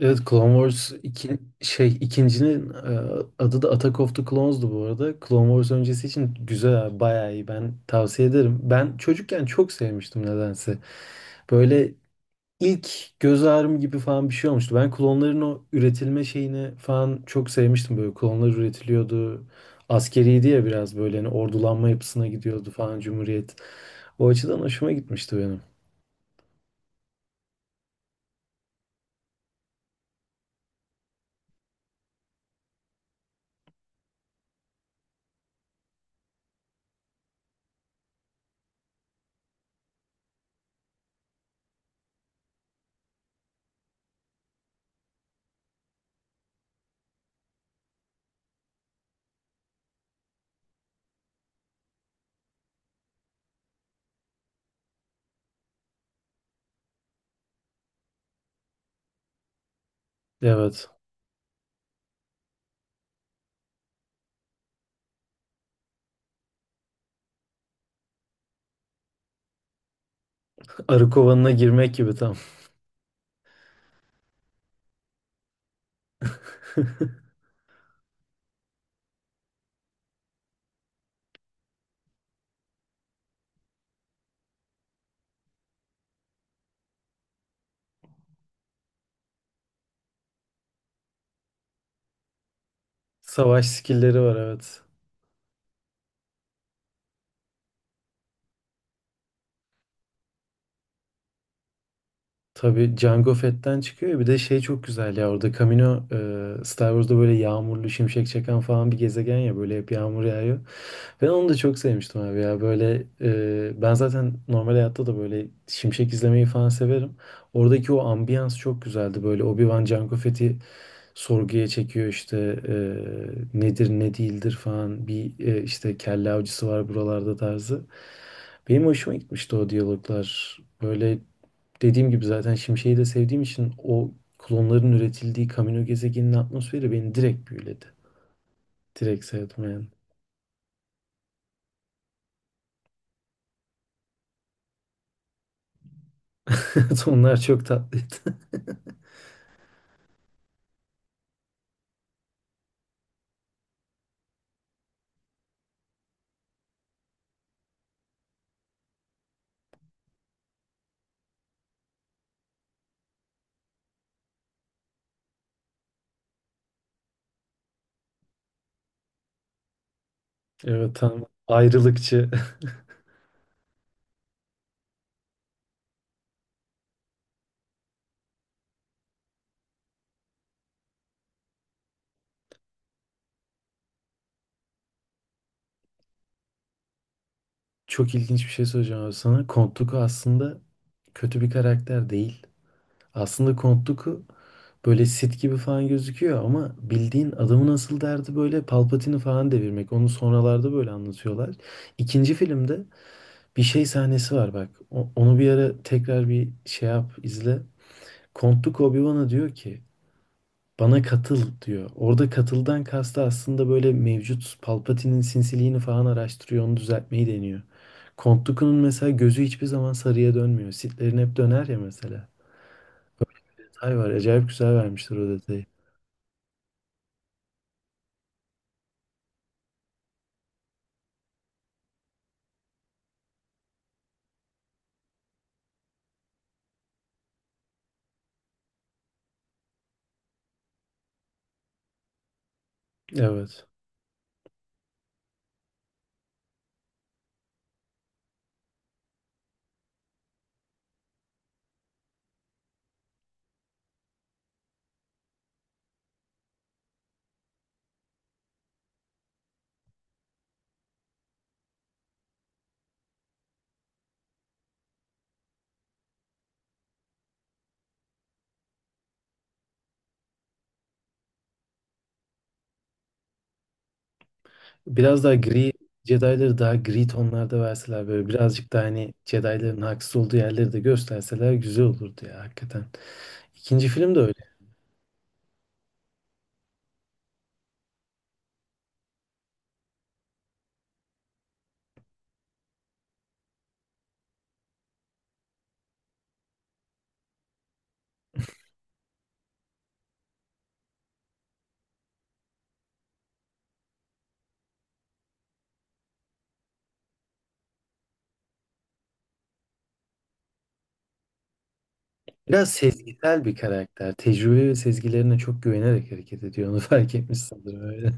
Evet Clone Wars iki, ikincinin adı da Attack of the Clones'du bu arada. Clone Wars öncesi için güzel abi, bayağı iyi. Ben tavsiye ederim. Ben çocukken çok sevmiştim nedense. Böyle ilk göz ağrım gibi falan bir şey olmuştu. Ben klonların o üretilme şeyini falan çok sevmiştim. Böyle klonlar üretiliyordu. Askeriydi ya biraz böyle hani ordulanma yapısına gidiyordu falan Cumhuriyet. O açıdan hoşuma gitmişti benim. Evet. Arı kovanına girmek gibi tam. Savaş skill'leri var, evet. Tabii Jango Fett'ten çıkıyor ya, bir de şey çok güzel ya orada Camino, Star Wars'da böyle yağmurlu şimşek çakan falan bir gezegen ya, böyle hep yağmur yağıyor. Ben onu da çok sevmiştim abi ya, böyle ben zaten normal hayatta da böyle şimşek izlemeyi falan severim. Oradaki o ambiyans çok güzeldi, böyle Obi-Wan Jango Fett'i sorguya çekiyor işte, e, nedir ne değildir falan bir, işte kelle avcısı var buralarda tarzı. Benim hoşuma gitmişti o diyaloglar. Böyle dediğim gibi zaten Şimşek'i de sevdiğim için o klonların üretildiği Kamino gezegeninin atmosferi beni direkt büyüledi. Direkt sevdim yani. Onlar çok tatlıydı. Evet, tam ayrılıkçı. Çok ilginç bir şey söyleyeceğim abi sana. Count Dooku aslında kötü bir karakter değil. Aslında Count Dooku böyle Sith gibi falan gözüküyor ama bildiğin adamın asıl derdi böyle Palpatine'i falan devirmek. Onu sonralarda böyle anlatıyorlar. İkinci filmde bir şey sahnesi var bak. Onu bir ara tekrar bir şey yap, izle. Kontuk Obi-Wan'a diyor ki bana katıl diyor. Orada katıldan kastı aslında böyle mevcut Palpatine'in sinsiliğini falan araştırıyor, onu düzeltmeyi deniyor. Count Dooku'nun mesela gözü hiçbir zaman sarıya dönmüyor. Sith'lerin hep döner ya mesela. Detay var, acayip güzel vermişler o detayı. Evet. Biraz daha gri, Jedi'ları daha gri tonlarda verseler, böyle birazcık daha hani Jedi'ların haksız olduğu yerleri de gösterseler güzel olurdu ya hakikaten. İkinci film de öyle. Biraz sezgisel bir karakter. Tecrübe ve sezgilerine çok güvenerek hareket ediyor. Onu fark etmiş sanırım öyle.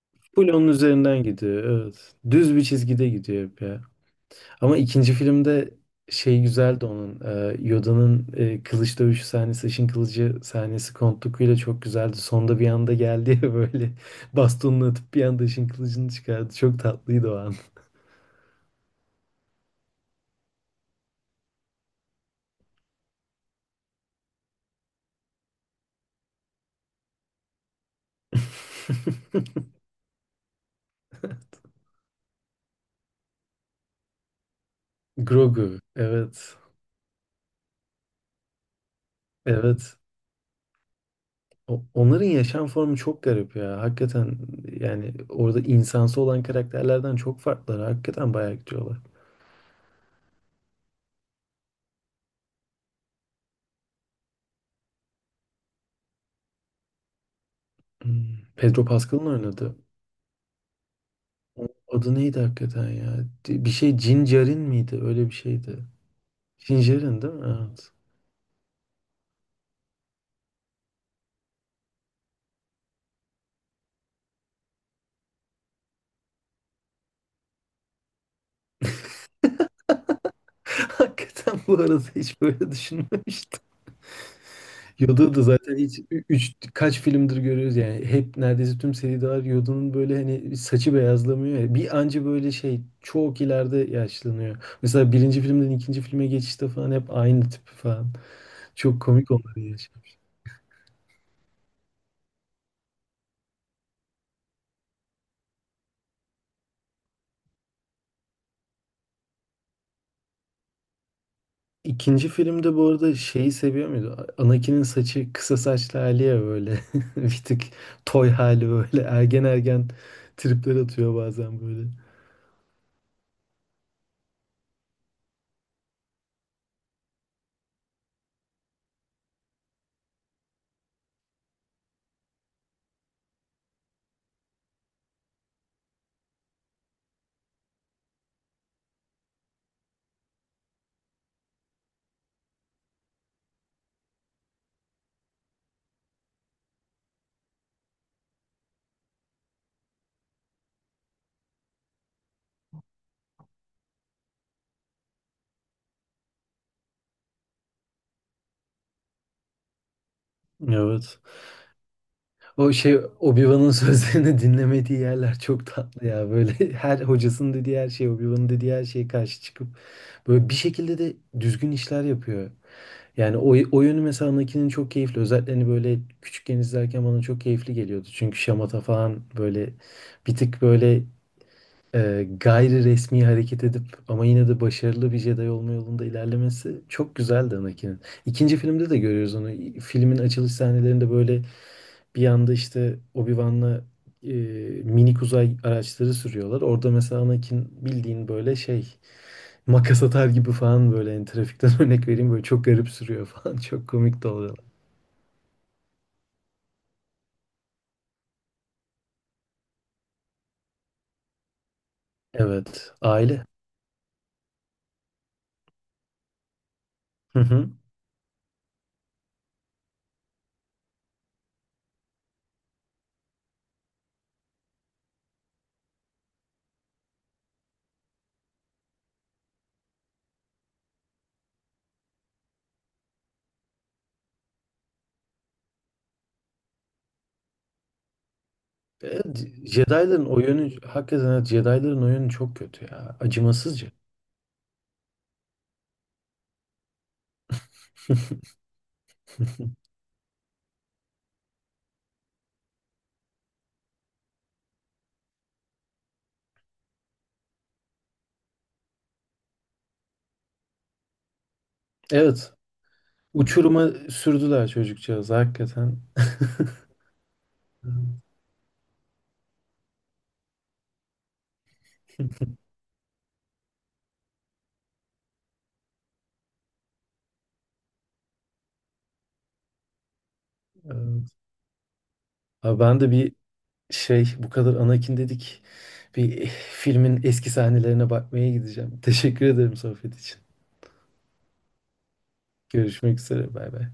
Full onun üzerinden gidiyor. Evet. Düz bir çizgide gidiyor hep ya. Ama ikinci filmde şey güzeldi onun. Yoda'nın kılıç dövüşü sahnesi, ışın kılıcı sahnesi Count Dooku'yla çok güzeldi. Sonda bir anda geldi ya, böyle bastonunu atıp bir anda ışın kılıcını çıkardı. Çok tatlıydı o an. Grogu. Evet. Evet. Onların yaşam formu çok garip ya. Hakikaten yani orada insansı olan karakterlerden çok farklılar. Hakikaten bayağı gidiyorlar. Hmm. Pedro Pascal'ın oynadı. Adı neydi hakikaten ya? Bir şey Cincerin miydi? Öyle bir şeydi. Cincerin değil mi? Evet. Hakikaten bu arada hiç böyle düşünmemiştim. Yoda da zaten hiç üç kaç filmdir görüyoruz yani, hep neredeyse tüm seriler Yoda'nın böyle hani saçı beyazlamıyor ya. Bir anca böyle şey çok ileride yaşlanıyor. Mesela birinci filmden ikinci filme geçişte falan hep aynı tip falan. Çok komik onları yaşamış. İkinci filmde bu arada şeyi seviyor muydu? Anakin'in saçı kısa saçlı hali ya böyle. Bir tık toy hali böyle. Ergen ergen tripler atıyor bazen böyle. Evet. O şey Obi-Wan'ın sözlerini dinlemediği yerler çok tatlı ya. Böyle her hocasının dediği her şey, Obi-Wan'ın dediği her şeye karşı çıkıp böyle bir şekilde de düzgün işler yapıyor. Yani o, o yönü mesela Anakin'in çok keyifli. Özellikle hani böyle küçükken izlerken bana çok keyifli geliyordu. Çünkü şamata falan böyle bir tık böyle, gayri resmi hareket edip ama yine de başarılı bir Jedi olma yolunda ilerlemesi çok güzeldi Anakin'in. İkinci filmde de görüyoruz onu. Filmin açılış sahnelerinde böyle bir anda işte Obi-Wan'la, e, minik uzay araçları sürüyorlar. Orada mesela Anakin bildiğin böyle şey makas atar gibi falan, böyle yani trafikten örnek vereyim, böyle çok garip sürüyor falan. Çok komik de oluyorlar. Evet. Aile. Hı hı. Evet, Jedi'ların o yönü hakikaten, evet, Jedi'ların o yönü çok kötü ya. Acımasızca. Evet. Uçuruma sürdüler çocukcağız hakikaten. Evet. Abi ben de bir şey bu kadar Anakin dedik. Bir filmin eski sahnelerine bakmaya gideceğim. Teşekkür ederim sohbet için. Görüşmek üzere. Bay bay.